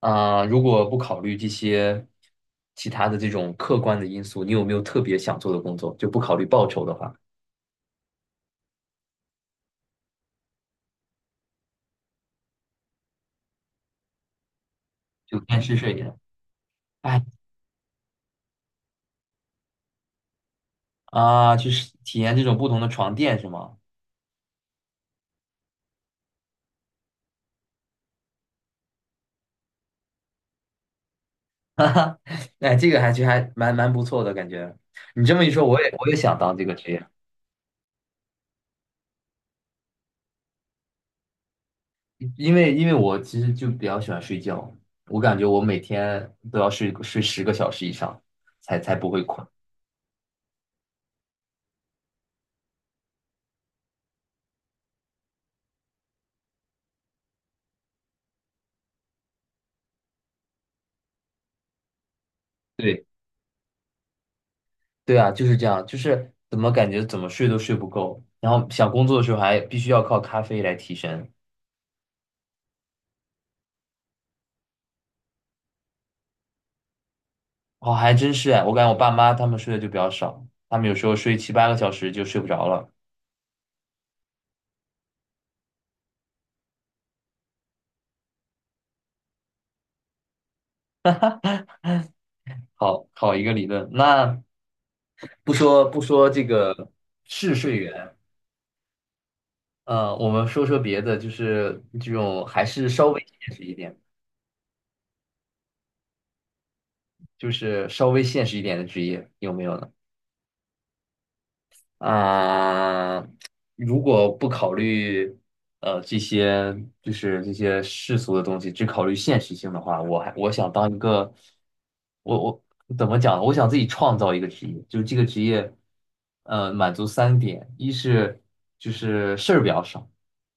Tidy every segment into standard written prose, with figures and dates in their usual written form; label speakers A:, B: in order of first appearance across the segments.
A: 啊、如果不考虑这些其他的这种客观的因素，你有没有特别想做的工作？就不考虑报酬的话，就干试睡员。哎啊，就是体验这种不同的床垫是吗？哎，这个还其实还蛮不错的感觉。你这么一说，我也想当这个职业，因为我其实就比较喜欢睡觉，我感觉我每天都要睡10个小时以上，才不会困。对。对啊，就是这样，就是怎么感觉怎么睡都睡不够，然后想工作的时候还必须要靠咖啡来提神。哦，还真是哎，我感觉我爸妈他们睡的就比较少，他们有时候睡7、8个小时就睡不着了。好好一个理论，那不说这个嗜睡源，我们说说别的，就是这种还是稍微现实一点，就是稍微现实一点的职业有没有呢？啊、如果不考虑这些就是这些世俗的东西，只考虑现实性的话，我想当一个，我我怎么讲呢，我想自己创造一个职业，就是这个职业，满足三点：一是就是事儿比较少，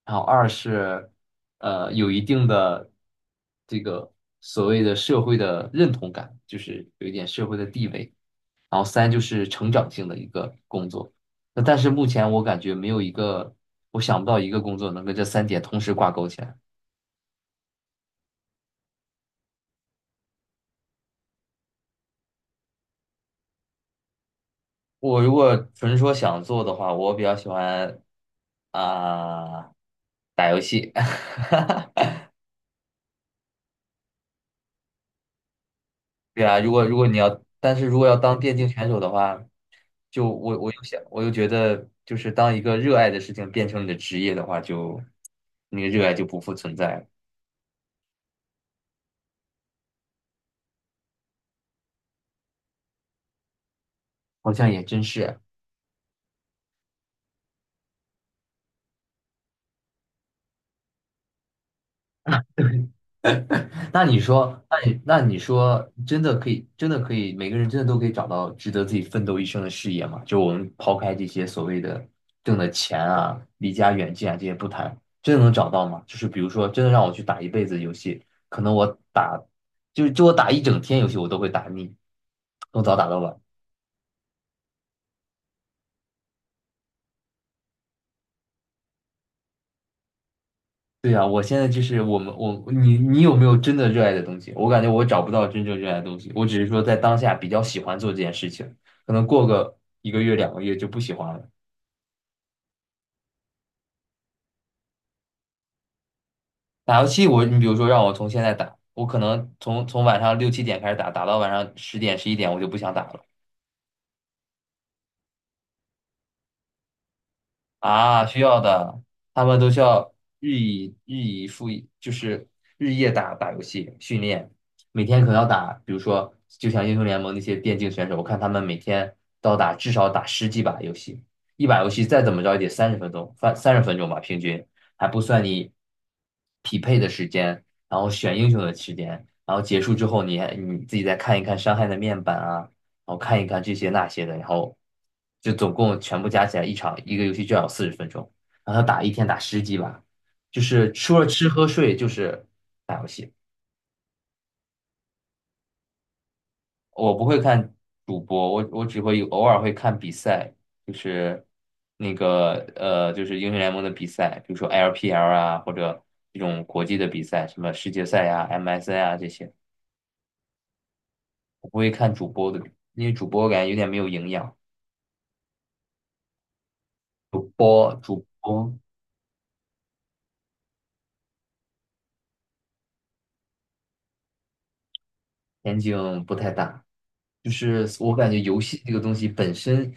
A: 然后二是有一定的这个所谓的社会的认同感，就是有一点社会的地位。然后三就是成长性的一个工作。那但是目前我感觉没有一个，我想不到一个工作能跟这三点同时挂钩起来。我如果纯说想做的话，我比较喜欢啊、打游戏。对啊，如果你要，但是如果要当电竞选手的话，就我又想，我又觉得就是当一个热爱的事情变成你的职业的话，就那个热爱就不复存在了。好像也真是。那你说，那你说，真的可以，真的可以，每个人真的都可以找到值得自己奋斗一生的事业吗？就我们抛开这些所谓的挣的钱啊、离家远近啊这些不谈，真的能找到吗？就是比如说，真的让我去打一辈子游戏，可能我打，就我打一整天游戏，我都会打腻，从早打到晚。对呀，我现在就是我们我你你有没有真的热爱的东西？我感觉我找不到真正热爱的东西，我只是说在当下比较喜欢做这件事情，可能过个一个月两个月就不喜欢了。打游戏我，你比如说让我从现在打，我可能从晚上6、7点开始打，打到晚上10点、11点我就不想打了。啊，需要的，他们都需要日以日以复以，就是日夜打打游戏训练，每天可能要打，比如说就像英雄联盟那些电竞选手，我看他们每天都要打至少打十几把游戏，一把游戏再怎么着也得三十分钟，三十分钟吧，平均还不算你匹配的时间，然后选英雄的时间，然后结束之后你还你自己再看一看伤害的面板啊。然后看一看这些那些的，然后就总共全部加起来一场一个游戏就要40分钟，然后他打一天打十几把，就是除了吃喝睡就是打游戏。我不会看主播，我只会偶尔会看比赛，就是那个就是英雄联盟的比赛，比如说 LPL 啊，或者这种国际的比赛，什么世界赛呀、MSI 啊这些，我不会看主播的，因为主播我感觉有点没有营养。主播主播前景不太大。就是我感觉游戏这个东西本身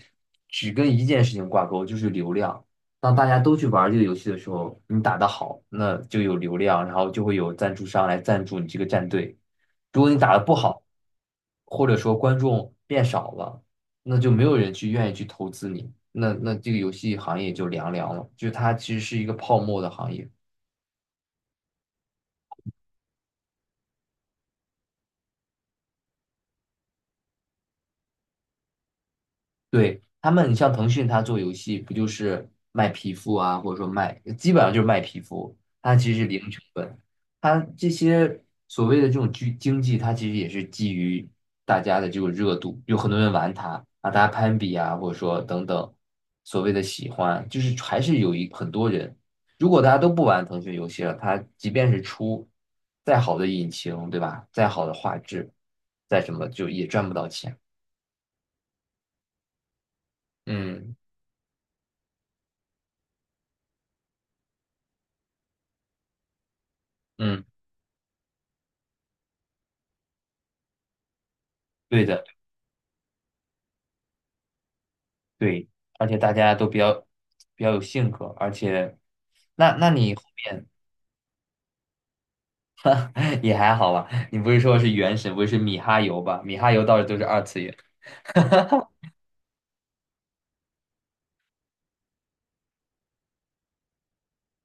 A: 只跟一件事情挂钩，就是流量。当大家都去玩这个游戏的时候，你打得好，那就有流量，然后就会有赞助商来赞助你这个战队。如果你打得不好，或者说观众变少了，那就没有人去愿意去投资你，那那这个游戏行业就凉凉了，就是它其实是一个泡沫的行业。对，他们，你像腾讯，它做游戏不就是卖皮肤啊，或者说卖，基本上就是卖皮肤，它其实是零成本。它这些所谓的这种经济，它其实也是基于大家的这种热度，有很多人玩它啊，大家攀比啊，或者说等等，所谓的喜欢，就是还是很多人。如果大家都不玩腾讯游戏了，它即便是出再好的引擎，对吧？再好的画质，再什么，就也赚不到钱。嗯嗯，对的。对，而且大家都比较比较有性格，而且，那你后面 也还好吧？你不是说是原神，不是米哈游吧？米哈游倒是都是二次元。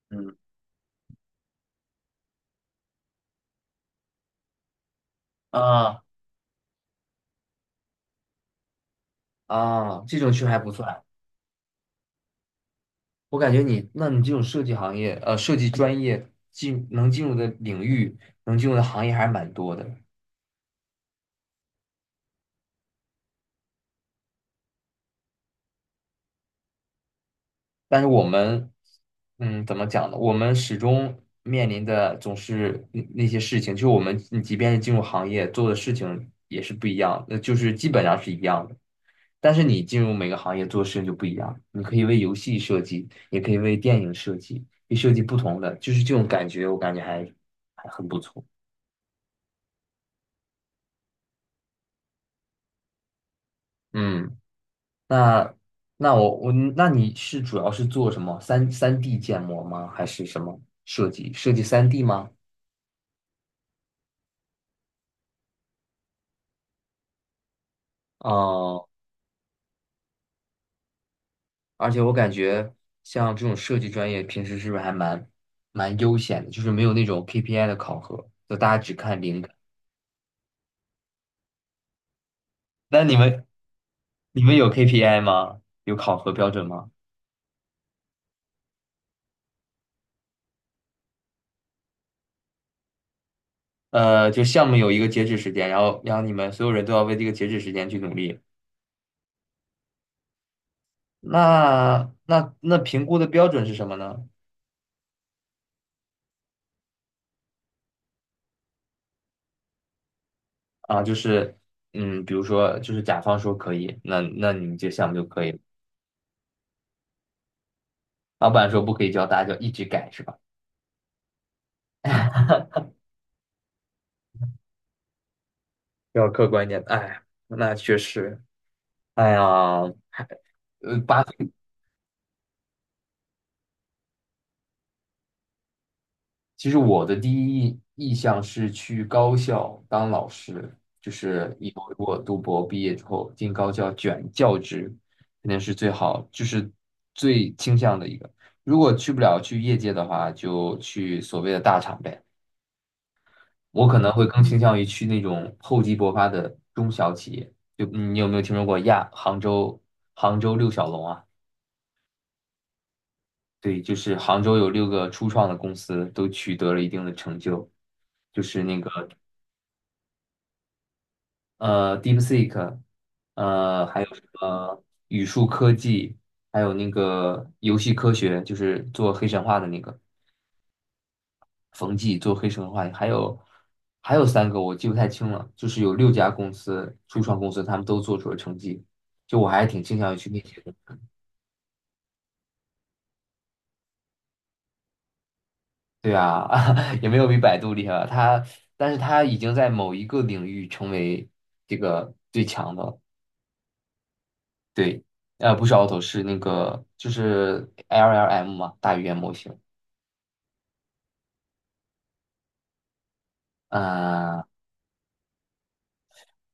A: 嗯啊啊，这种确实还不算。我感觉你，那你这种设计行业，设计专业进能进入的领域，能进入的行业还是蛮多的。但是我们，嗯，怎么讲呢？我们始终面临的总是那些事情，就是我们你即便是进入行业做的事情也是不一样，那就是基本上是一样的。但是你进入每个行业做的事情就不一样，你可以为游戏设计，也可以为电影设计，你设计不同的，就是这种感觉，我感觉还还很不错。嗯，那那我我那你是主要是做什么？三 D 建模吗？还是什么设计？设计三 D 吗？哦、而且我感觉像这种设计专业，平时是不是还蛮悠闲的，就是没有那种 KPI 的考核，就大家只看灵感。那你们有 KPI 吗？有考核标准吗？就项目有一个截止时间，然后你们所有人都要为这个截止时间去努力。那评估的标准是什么呢？啊，就是比如说就是甲方说可以，那你们这项目就可以了。老板说不可以交，大家就一直改，是吧？要客观一点，哎，那确实。哎呀，呃，八岁其实我的第一意向是去高校当老师，就是以后如果读博毕业之后进高校卷教职，肯定是最好，就是最倾向的一个。如果去不了去业界的话，就去所谓的大厂呗。我可能会更倾向于去那种厚积薄发的中小企业。就你有没有听说过亚杭州杭州六小龙啊？对，就是杭州有六个初创的公司都取得了一定的成就，就是那个DeepSeek，还有什么语数科技，还有那个游戏科学，就是做黑神话的那个冯骥做黑神话，还有三个我记不太清了，就是有六家公司初创公司他们都做出了成绩，就我还挺倾向于去那些的。对啊，也没有比百度厉害吧？它，但是它已经在某一个领域成为这个最强的了。对，呃，不是 Auto，是那个就是 LLM 嘛，大语言模型。嗯、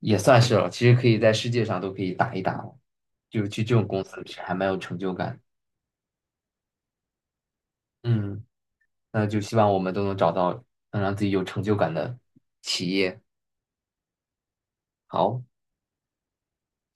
A: 也算是了。其实可以在世界上都可以打一打了，就去这种公司是还蛮有成就感。嗯，那就希望我们都能找到能让自己有成就感的企业。好。